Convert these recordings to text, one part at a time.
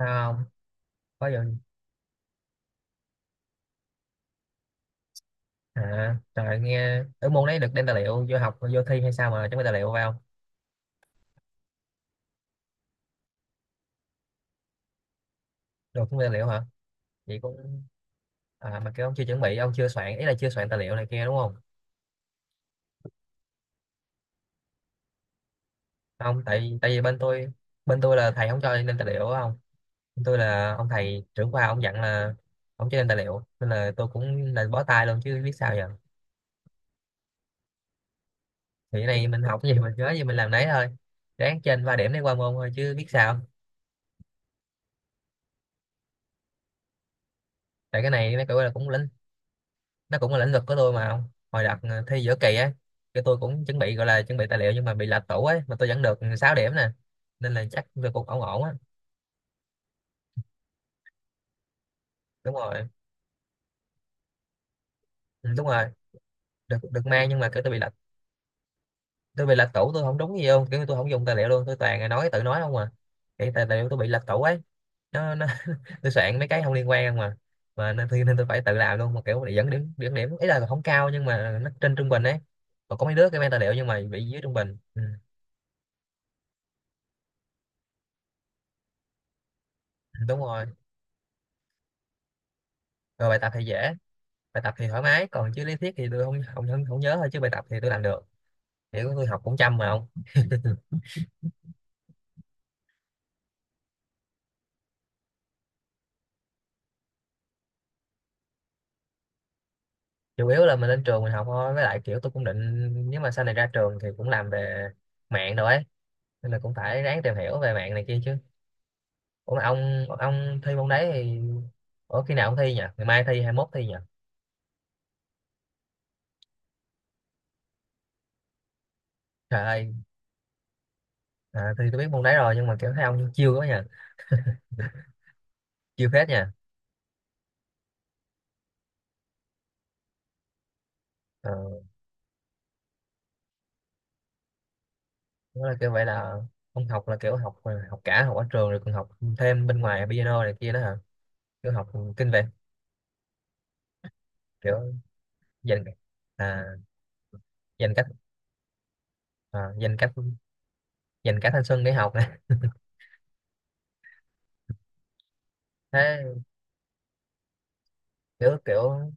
Không có vô. À trời, nghe ở môn đấy được đem tài liệu vô học vô thi hay sao mà chuẩn bị tài liệu vào không? Được chuẩn bị tài liệu hả? Vậy cũng mà kêu ông chưa chuẩn bị, ông chưa soạn, ý là chưa soạn tài liệu này kia đúng không? Không, tại tại vì bên tôi, bên tôi là thầy không cho nên tài liệu không, bên tôi là ông thầy trưởng khoa, ông dặn là ông cho nên tài liệu, nên là tôi cũng là bó tay luôn chứ biết sao giờ. Thì cái này mình học cái gì mình nhớ gì mình làm đấy thôi, ráng trên ba điểm để qua môn thôi chứ biết sao. Tại cái này nó gọi là cũng lĩnh, nó cũng là lĩnh vực của tôi mà không. Hồi đợt thi giữa kỳ ấy, cái tôi cũng chuẩn bị gọi là chuẩn bị tài liệu nhưng mà bị lệch tủ ấy, mà tôi vẫn được 6 điểm nè, nên là chắc tôi cũng ổn ổn á. Đúng rồi. Ừ, đúng rồi. Được được mang nhưng mà kiểu tôi bị lệch, tôi bị lệch tủ, tôi không đúng gì không, kiểu tôi không dùng tài liệu luôn, tôi toàn là nói tự nói không à. Cái tài liệu tôi bị lệch tủ ấy, nó. Tôi soạn mấy cái không liên quan mà, nên tôi phải tự làm luôn, mà kiểu để dẫn điểm, dẫn điểm ý là không cao nhưng mà nó trên trung bình ấy. Còn có mấy đứa cái mang tài liệu nhưng mà bị dưới trung bình. Ừ, đúng rồi. Rồi bài tập thì dễ, bài tập thì thoải mái, còn chứ lý thuyết thì tôi không nhớ thôi, chứ bài tập thì tôi làm được, kiểu tôi học cũng chăm mà không. Chủ yếu là mình lên trường mình học thôi, với lại kiểu tôi cũng định nếu mà sau này ra trường thì cũng làm về mạng rồi ấy, nên là cũng phải ráng tìm hiểu về mạng này kia chứ. Ủa mà ông thi môn đấy thì ở khi nào ông thi nhỉ? Ngày mai thi, 21 thi nhỉ? Trời ơi. À, thì tôi biết môn đấy rồi nhưng mà kiểu thấy ông chiêu quá nha, chiêu phết nha. ờ, Đó là kiểu vậy, là ông học là kiểu học, học cả học ở trường rồi còn học thêm bên ngoài piano này kia đó hả? Kiểu học kinh về, kiểu dành, à, dành cách, dành cách, dành cả thanh xuân để học này. Thế kiểu, kiểu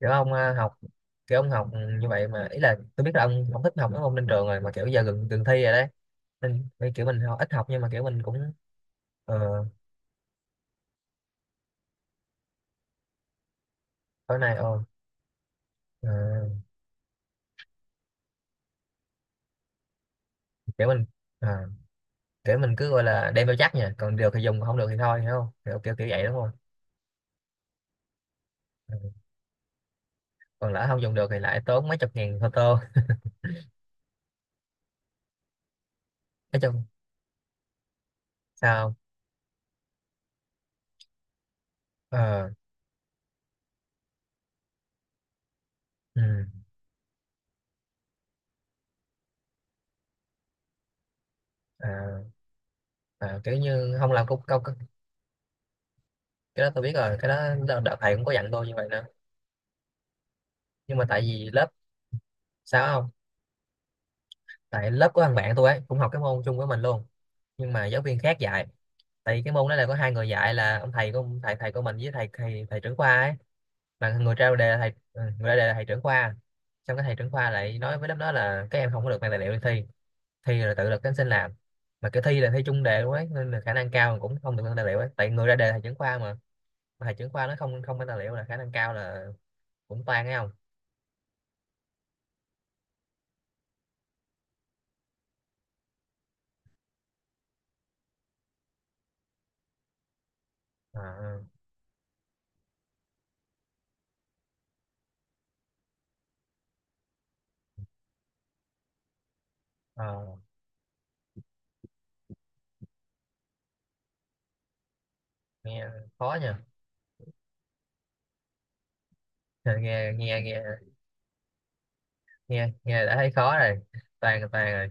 kiểu ông học, kiểu ông học như vậy mà, ý là tôi biết là ông không thích học mấy môn lên trường rồi mà, kiểu giờ gần gần thi rồi đấy, nên nên kiểu mình ít học nhưng mà kiểu mình cũng ờ tối nay. Ờ ờ, Kiểu mình, ờ, kiểu mình cứ gọi là đem theo chắc nha, còn được thì dùng còn không được thì thôi, hiểu không, kiểu kiểu kiểu vậy đúng không? Ừ. Còn lỡ không dùng được thì lại tốn mấy chục ngàn photo. Nói chung. Sao? ờ ừ. À. À, kiểu như không làm câu câu. Cái đó tôi biết rồi, cái đó đợt đợt thầy cũng có dặn tôi như vậy nữa, nhưng mà tại vì lớp. Sao không? Tại lớp của thằng bạn tôi ấy cũng học cái môn chung với mình luôn, nhưng mà giáo viên khác dạy. Tại vì cái môn đó là có hai người dạy, là ông thầy của thầy thầy của mình, với thầy thầy thầy trưởng khoa ấy, mà người ra đề là thầy, ừ, người ra đề là thầy trưởng khoa. Xong cái thầy trưởng khoa lại nói với lớp đó là các em không có được mang tài liệu đi thi, thi là tự lực cánh sinh làm, mà cái thi là thi chung đề luôn ấy, nên là khả năng cao mà cũng không được mang tài liệu ấy, tại người ra đề là thầy trưởng khoa mà. Mà thầy trưởng khoa nó không không mang tài liệu là khả năng cao là cũng toan, nghe không? Ờ, ờ, ờ, nghe. Khó nha. Nghe nghe nghe nghe Nghe đã thấy khó rồi, toàn toàn rồi.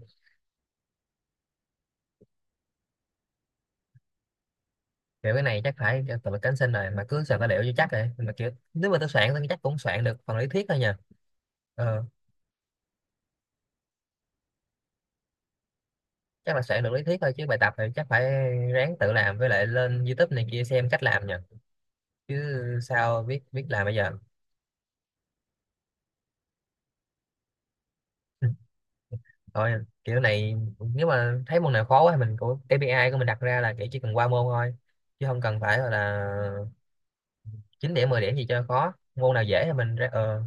Kiểu cái này chắc phải cho tụi mình cánh sinh rồi, mà cứ soạn tài liệu cho chắc rồi, mà kiểu nếu mà tôi soạn thì chắc cũng soạn được phần lý thuyết thôi nha. ờ, Chắc là soạn được lý thuyết thôi, chứ bài tập thì chắc phải ráng tự làm, với lại lên YouTube này kia xem cách làm nha, chứ sao biết biết làm bây giờ. Thôi kiểu này, nếu mà thấy môn nào khó quá thì mình, của KPI của mình đặt ra là kiểu chỉ cần qua môn thôi, chứ không cần phải gọi là 9 điểm 10 điểm gì cho khó. Môn nào dễ thì mình ra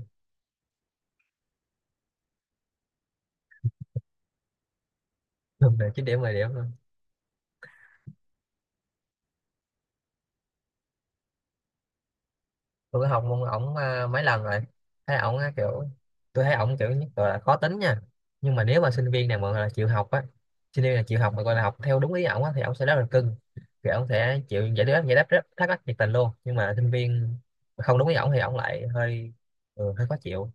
Chín điểm 10 điểm luôn. Tôi có học môn ổng mấy lần rồi, thấy ổng á, kiểu tôi thấy ổng kiểu nhất là khó tính nha, nhưng mà nếu mà sinh viên nào mà gọi là chịu học á, sinh viên là chịu học mà gọi là học theo đúng ý ổng á, thì ổng sẽ rất là cưng, kiểu ổng sẽ chịu giải đáp rất thắc mắc nhiệt tình luôn, nhưng mà sinh viên mà không đúng ý ổng thì ổng lại hơi, ừ, hơi khó chịu.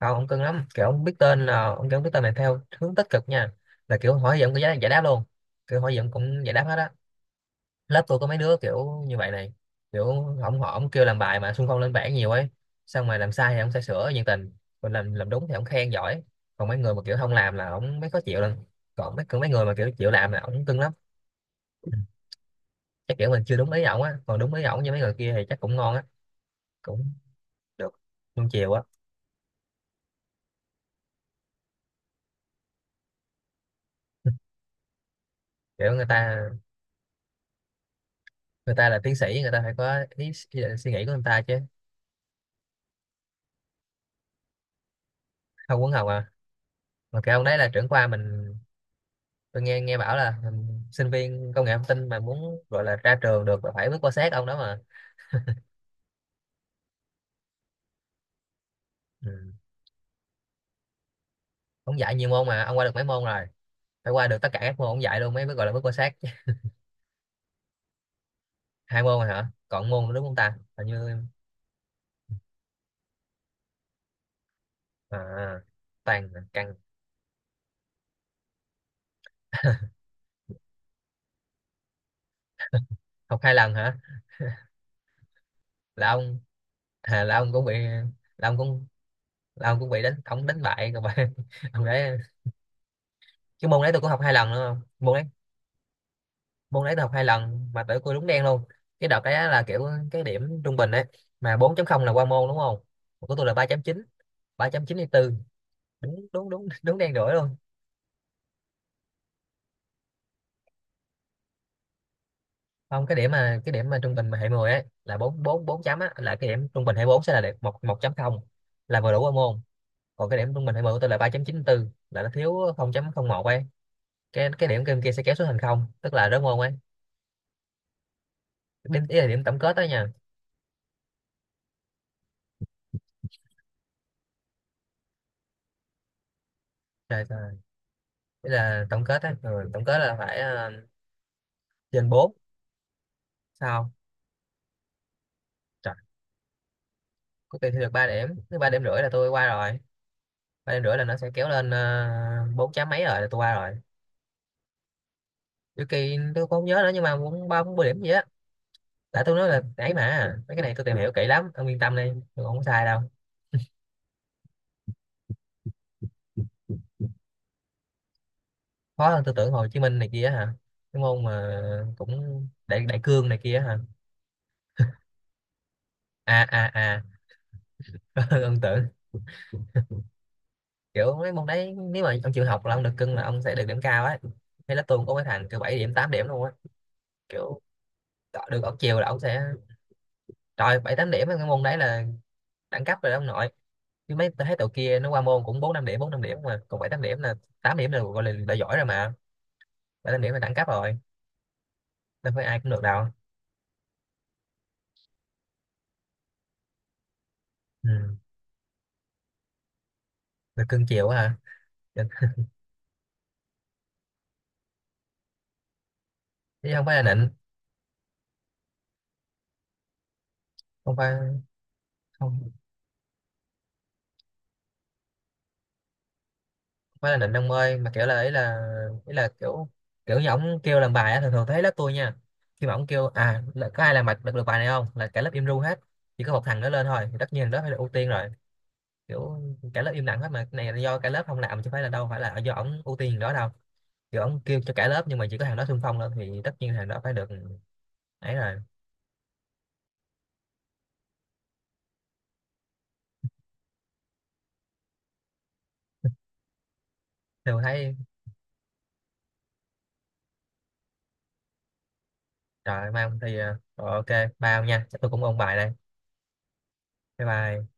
Không, ổng cưng lắm, kiểu ổng biết tên là ổng kiểu biết tên này theo hướng tích cực nha, là kiểu hỏi gì ổng cũng giải giải đáp luôn, kiểu hỏi gì ổng cũng giải đáp hết á. Lớp tôi có mấy đứa kiểu như vậy này, kiểu ổng kêu làm bài mà xung phong lên bảng nhiều ấy, xong mà làm sai thì ổng sẽ sửa nhiệt tình, còn làm đúng thì ổng khen giỏi, còn mấy người mà kiểu không làm là ổng mới khó chịu lên, còn mấy người mà kiểu chịu làm là ổng cưng lắm. Ừ, chắc kiểu mình chưa đúng ý ổng á, còn đúng ý ổng như mấy người kia thì chắc cũng ngon á, cũng được luôn chiều á. Kiểu người ta, người ta là tiến sĩ, người ta phải có ý định suy nghĩ của người ta chứ. Không quấn học à? Mà cái ông đấy là trưởng khoa mình. Tôi nghe nghe bảo là, ừ, sinh viên công nghệ thông tin mà muốn gọi là ra trường được là phải bước qua sát ông đó mà. Ừ. Ông dạy nhiều môn mà, ông qua được mấy môn rồi? Phải qua được tất cả các môn ông dạy luôn mới mới gọi là bước qua sát chứ. Hai môn rồi hả, còn môn nữa đúng không ta, hình như à, toàn cần. Học 2 lần hả? Là ông, à, là ông cũng bị, là ông cũng, là ông cũng bị đánh, ông đánh bại rồi mà. Ông đấy, cái môn đấy tôi cũng học 2 lần nữa, không, môn đấy, môn đấy tôi học 2 lần mà tới tôi đúng đen luôn. Cái đợt đấy á là kiểu cái điểm trung bình đấy, mà bốn chấm không là qua môn đúng không, của tôi là ba ba chấm chín, ba chấm chín 3 tư. Đúng đúng đúng, đúng đen đuổi luôn. Không, cái điểm mà trung bình mà hệ 10 ấy là 4 4 4 chấm á, là cái điểm trung bình hệ 4 sẽ là điểm một một chấm không, là vừa đủ qua môn. Còn cái điểm trung bình hệ 10 của tôi là ba chấm chín tư, là nó thiếu không chấm không một ấy, cái điểm kia kia sẽ kéo xuống thành không, tức là rớt môn ấy. Điểm, ý là điểm tổng kết đó nha. Trời trời. Ý là tổng kết á, ừ, tổng kết là phải ờ, trên bốn. Sao? Trời, cuối kỳ thi được 3 điểm, nếu ba điểm rưỡi là tôi qua rồi, ba điểm rưỡi là nó sẽ kéo lên ờ, bốn chấm mấy rồi là tôi qua rồi. Đôi kỳ tôi cũng không nhớ nữa, nhưng mà cũng ba bốn mươi điểm gì á. Tại tôi nói là ấy mà, mấy cái này tôi tìm hiểu kỹ lắm, ông yên tâm đi, tôi không có sai đâu. Khó hơn tôi tưởng Hồ Chí Minh này kia hả, cái môn mà cũng đại đại cương này kia hả? À à à, ông tưởng kiểu mấy môn đấy nếu mà ông chịu học là ông được cưng, là ông sẽ được điểm cao ấy. Hay là tôi cũng có mấy thằng kiểu 7 điểm 8 điểm luôn á, kiểu được ở chiều là ông sẽ. Trời, bảy tám điểm ở cái môn đấy là đẳng cấp rồi đó ông nội. Chứ mấy tôi thấy tụi kia nó qua môn cũng bốn năm điểm, mà còn bảy tám điểm là, tám điểm là gọi là đã giỏi rồi mà, bảy tám điểm là đẳng cấp rồi, đâu phải ai cũng được đâu. Ừ. Được cưng chiều quá hả? Định- Chứ không phải là nịnh, không phải, không, không phải là nịnh ông ơi, mà kiểu là ý là, kiểu kiểu như ổng kêu làm bài á, thường thường thấy lớp tôi nha, khi mà ổng kêu à là có ai làm bài được bài này không, là cả lớp im ru hết, chỉ có một thằng nó lên thôi thì tất nhiên đó phải là ưu tiên rồi. Kiểu cả lớp im lặng hết mà, cái này là do cả lớp không làm chứ phải là, đâu phải là do ổng ưu tiên đó đâu. Kiểu ổng kêu cho cả lớp nhưng mà chỉ có thằng đó xung phong lên thì tất nhiên thằng đó phải được. Ấy rồi. Tôi thấy. Trời, mai ông thi à. Rồi, ok bao nha, chắc tôi cũng ôn bài đây. Bye bye.